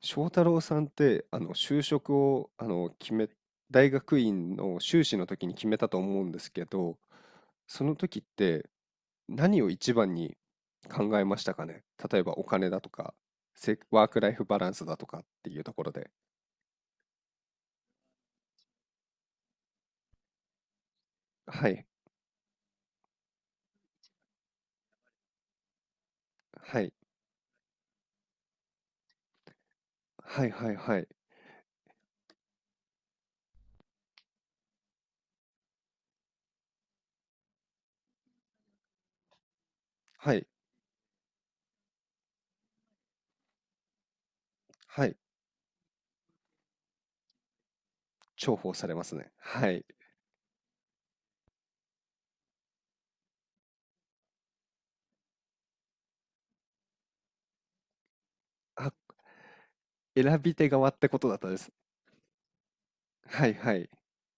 翔太郎さんって、就職を、大学院の修士の時に決めたと思うんですけど、その時って何を一番に考えましたかね。例えばお金だとか、ワークライフバランスだとかっていうところで。はい、はい、はいはいはい、はい、はい、重宝されますね。はい。あ、選び手側ってことだったです。はいはい。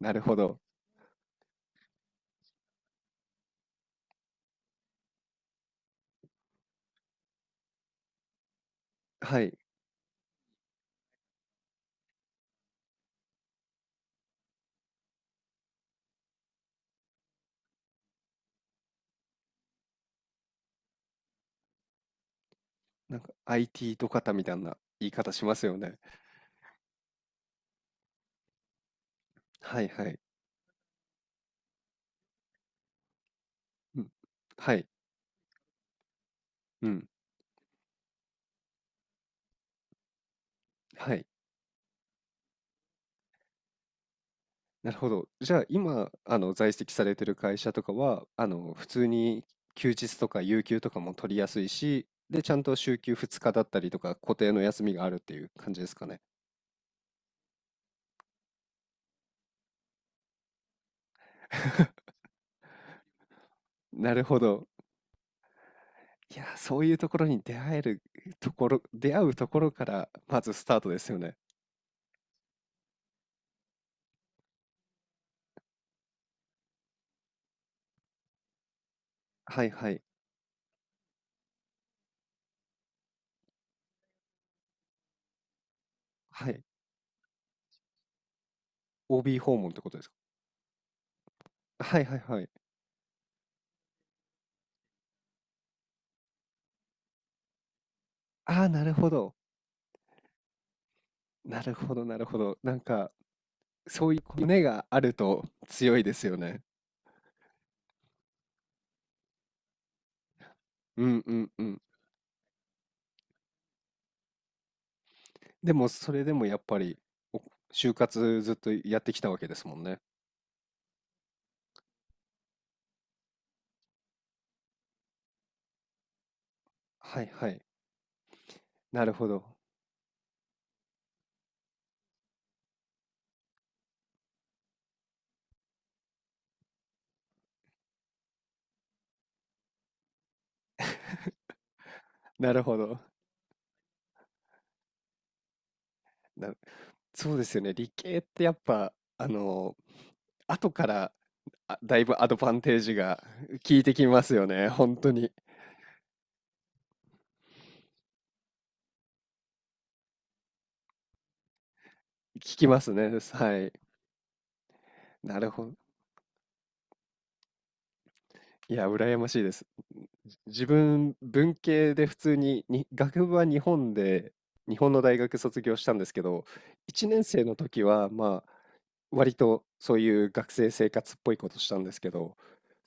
なるほど。はい。なんか IT とかみたいな言い方しますよね。はいはい。うん。はい。うん。はい。なるほど。じゃあ、今、在籍されてる会社とかは、普通に休日とか有給とかも取りやすいし、で、ちゃんと週休2日だったりとか、固定の休みがあるっていう感じですかね。なるほど。いや、そういうところに出会えるところ、出会うところから、まずスタートですよね。はいはい。はい。OB 訪問ってことですか。はいはいはい。ああ、なるほど。なるほど、なるほど。そういう骨があると強いですよね。うんうんうん。でもそれでもやっぱりお就活ずっとやってきたわけですもんね。はいはい。なるほど。なるほど。な、そうですよね。理系ってやっぱ、あの、後からだいぶアドバンテージが効いてきますよね。本当に。きますね。はい。なるほど。いや、羨ましいです。自分、文系で普通に、に、学部は日本で、日本の大学卒業したんですけど、1年生の時は、まあ、割とそういう学生生活っぽいことしたんですけど、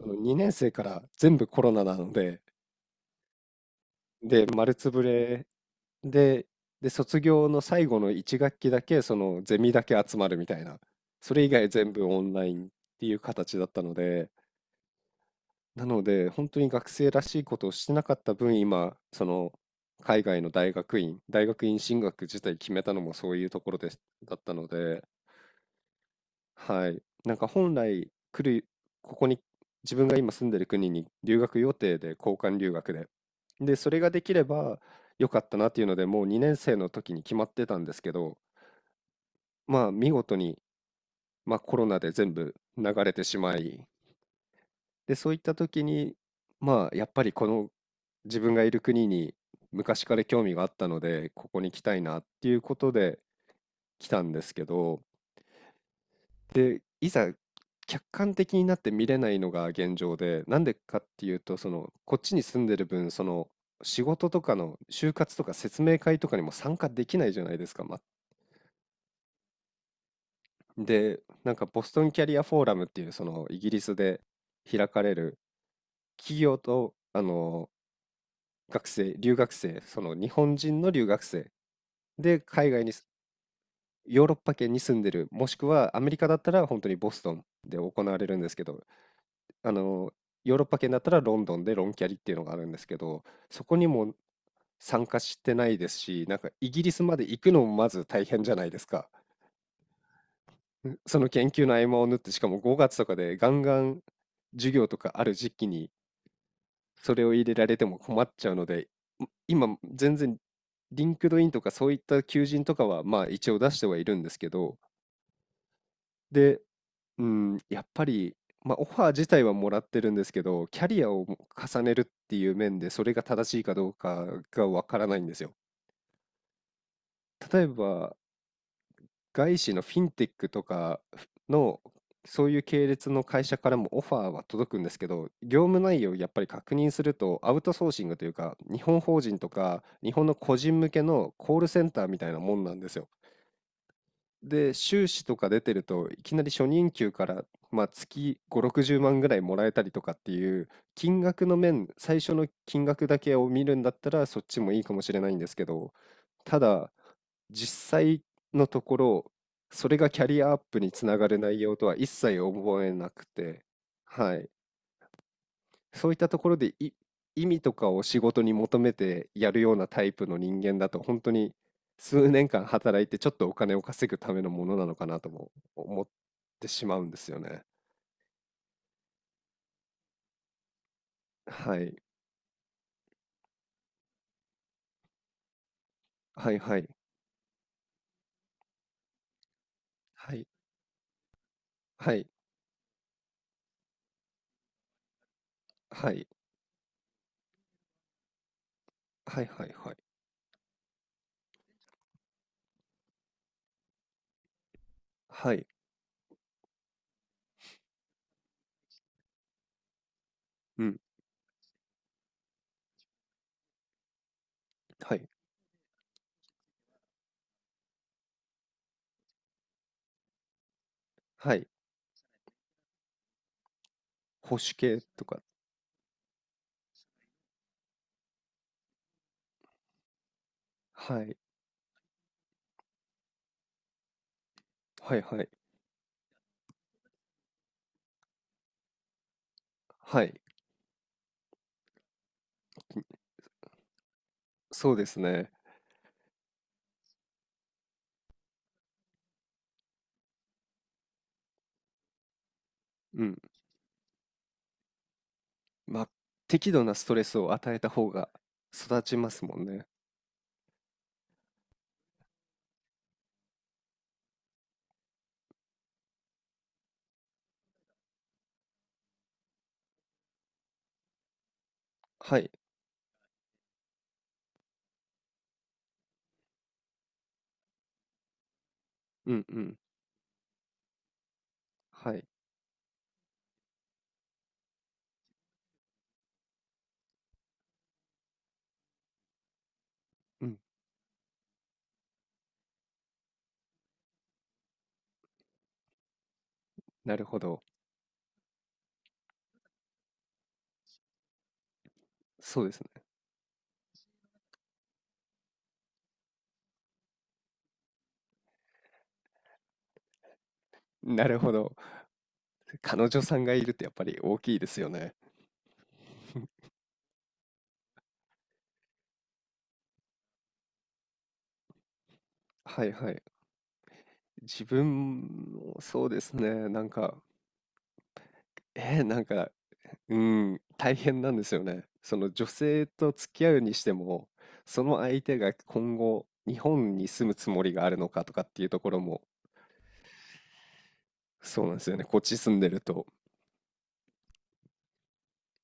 その2年生から全部コロナなので、で、丸つぶれで、で、卒業の最後の1学期だけ、そのゼミだけ集まるみたいな、それ以外全部オンラインっていう形だったので、なので、本当に学生らしいことをしてなかった分、今、その、海外の大学院進学自体決めたのもそういうところだったので、はい。なんか本来ここに自分が今住んでる国に留学予定で、交換留学で。で、それができれば良かったなっていうので、もう2年生の時に決まってたんですけど、まあ、見事に、まあ、コロナで全部流れてしまい、で、そういった時に、まあ、やっぱりこの自分がいる国に昔から興味があったので、ここに来たいなっていうことで来たんですけど、で、いざ客観的になって見れないのが現状で、なんでかっていうと、その、こっちに住んでる分、その、仕事とかの就活とか説明会とかにも参加できないじゃないですか。ま、で、なんかボストンキャリアフォーラムっていう、その、イギリスで開かれる企業と、学生、その日本人の留学生で海外にヨーロッパ圏に住んでる、もしくはアメリカだったら本当にボストンで行われるんですけど、あの、ヨーロッパ圏だったらロンドンでロンキャリっていうのがあるんですけど、そこにも参加してないですし、なんかイギリスまで行くのもまず大変じゃないですか。その研究の合間を縫って、しかも5月とかでガンガン授業とかある時期にそれを入れられても困っちゃうので、今全然リンクドインとかそういった求人とかはまあ一応出してはいるんですけど、で、うん、やっぱり、まあ、オファー自体はもらってるんですけど、キャリアを重ねるっていう面で、それが正しいかどうかがわからないんですよ。例えば、外資のフィンテックとかの、そういう系列の会社からもオファーは届くんですけど、業務内容をやっぱり確認すると、アウトソーシングというか、日本法人とか、日本の個人向けのコールセンターみたいなもんなんですよ。で、修士とか出てると、いきなり初任給から、まあ、月5、60万ぐらいもらえたりとかっていう、金額の面、最初の金額だけを見るんだったら、そっちもいいかもしれないんですけど、ただ、実際のところ、それがキャリアアップにつながる内容とは一切思えなくて、はい。そういったところで、意味とかを仕事に求めてやるようなタイプの人間だと、本当に数年間働いて、ちょっとお金を稼ぐためのものなのかなとも思ってしまうんですよね。はい。はいはい。はい。はい。はい。はいはいはい。はい。うん。はい。はい。保守系とか。はい。はいはい。はい。そうですね。うん。まあ、適度なストレスを与えた方が育ちますもんね。はい。うんうん。はい。うん。なるほど。そうですね。なるほど。彼女さんがいるってやっぱり大きいですよね。はいはい。自分もそうですね。えー、なんか、うん、大変なんですよね。その女性と付き合うにしても、その相手が今後、日本に住むつもりがあるのかとかっていうところも、そうなんですよね。こっち住んでると。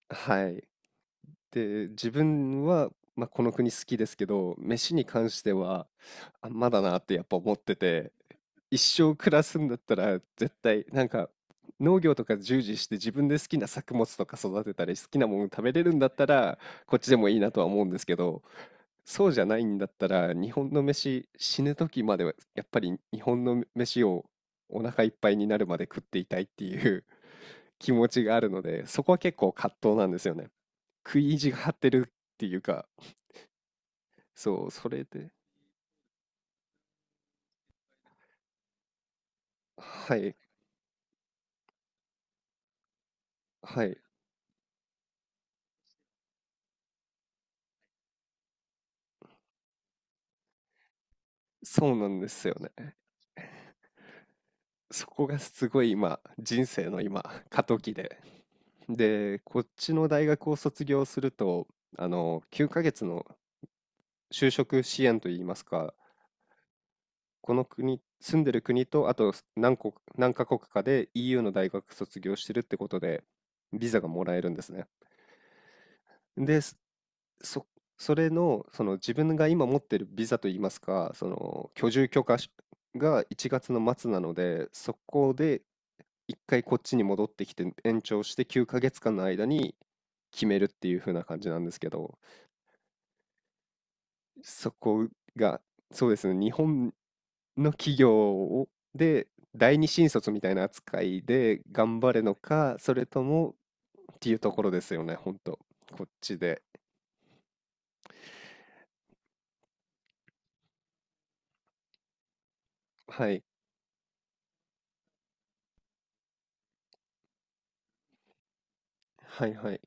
はい。で、自分は、まあ、この国好きですけど、飯に関しては、あ、まだなってやっぱ思ってて、一生暮らすんだったら、絶対なんか、農業とか従事して自分で好きな作物とか育てたり、好きなもの食べれるんだったら、こっちでもいいなとは思うんですけど、そうじゃないんだったら、日本の飯、死ぬ時まではやっぱり日本の飯をお腹いっぱいになるまで食っていたいっていう 気持ちがあるので、そこは結構葛藤なんですよね。食い意地が張ってるっていうか、そう、それで、はい、はい、そうなんですよね。そこがすごい今、人生の今、過渡期で。で、こっちの大学を卒業すると、あの、9ヶ月の就職支援といいますか、この国、住んでる国と、あと何カ国かで EU の大学卒業してるってことで、ビザがもらえるんですね。で、そ、それの、その自分が今持ってるビザといいますか、その居住許可が1月の末なので、そこで1回こっちに戻ってきて延長して9ヶ月間の間に決めるっていう風な感じなんですけど、そこが、そうですね、日本の企業をで第二新卒みたいな扱いで頑張るのか、それともっていうところですよね、ほんと。こっちで。はい。はいはい。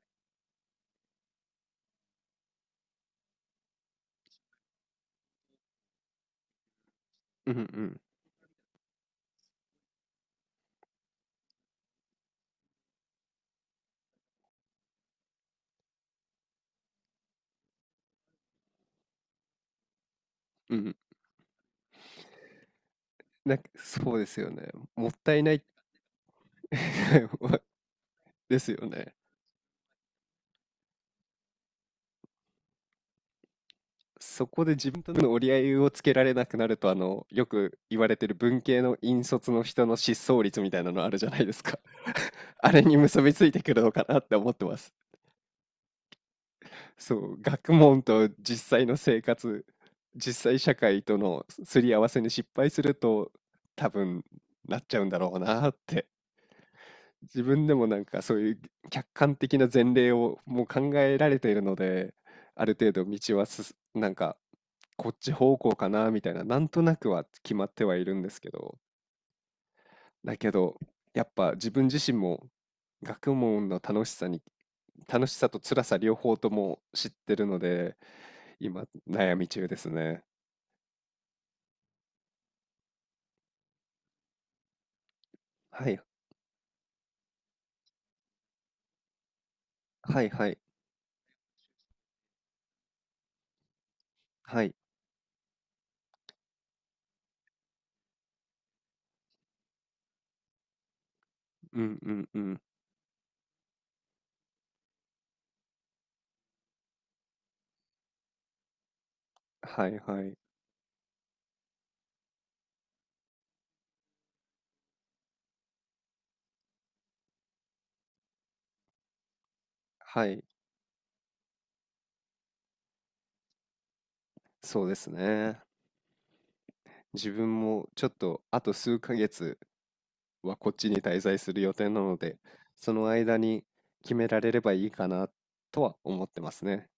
うん。うんうん、そうですよね。もったいない わですよね。そこで自分との折り合いをつけられなくなると、あの、よく言われてる文系の引率の人の失踪率みたいなのあるじゃないですか。あれに結びついてくるのかなって思ってます。そう、学問と実際の生活、実際社会とのすすり合わせに失敗すると、多分なっちゃうんだろうなって。自分でもなんかそういう客観的な前例をもう考えられているので、ある程度道はすすなんかこっち方向かなみたいな、なんとなくは決まってはいるんですけど、だけどやっぱ自分自身も学問の楽しさに、楽しさと辛さ両方とも知ってるので、今悩み中ですね。はい、はいはい、はい、うんうんうん、はいはい、はい、そうですね。自分もちょっとあと数ヶ月はこっちに滞在する予定なので、その間に決められればいいかなとは思ってますね。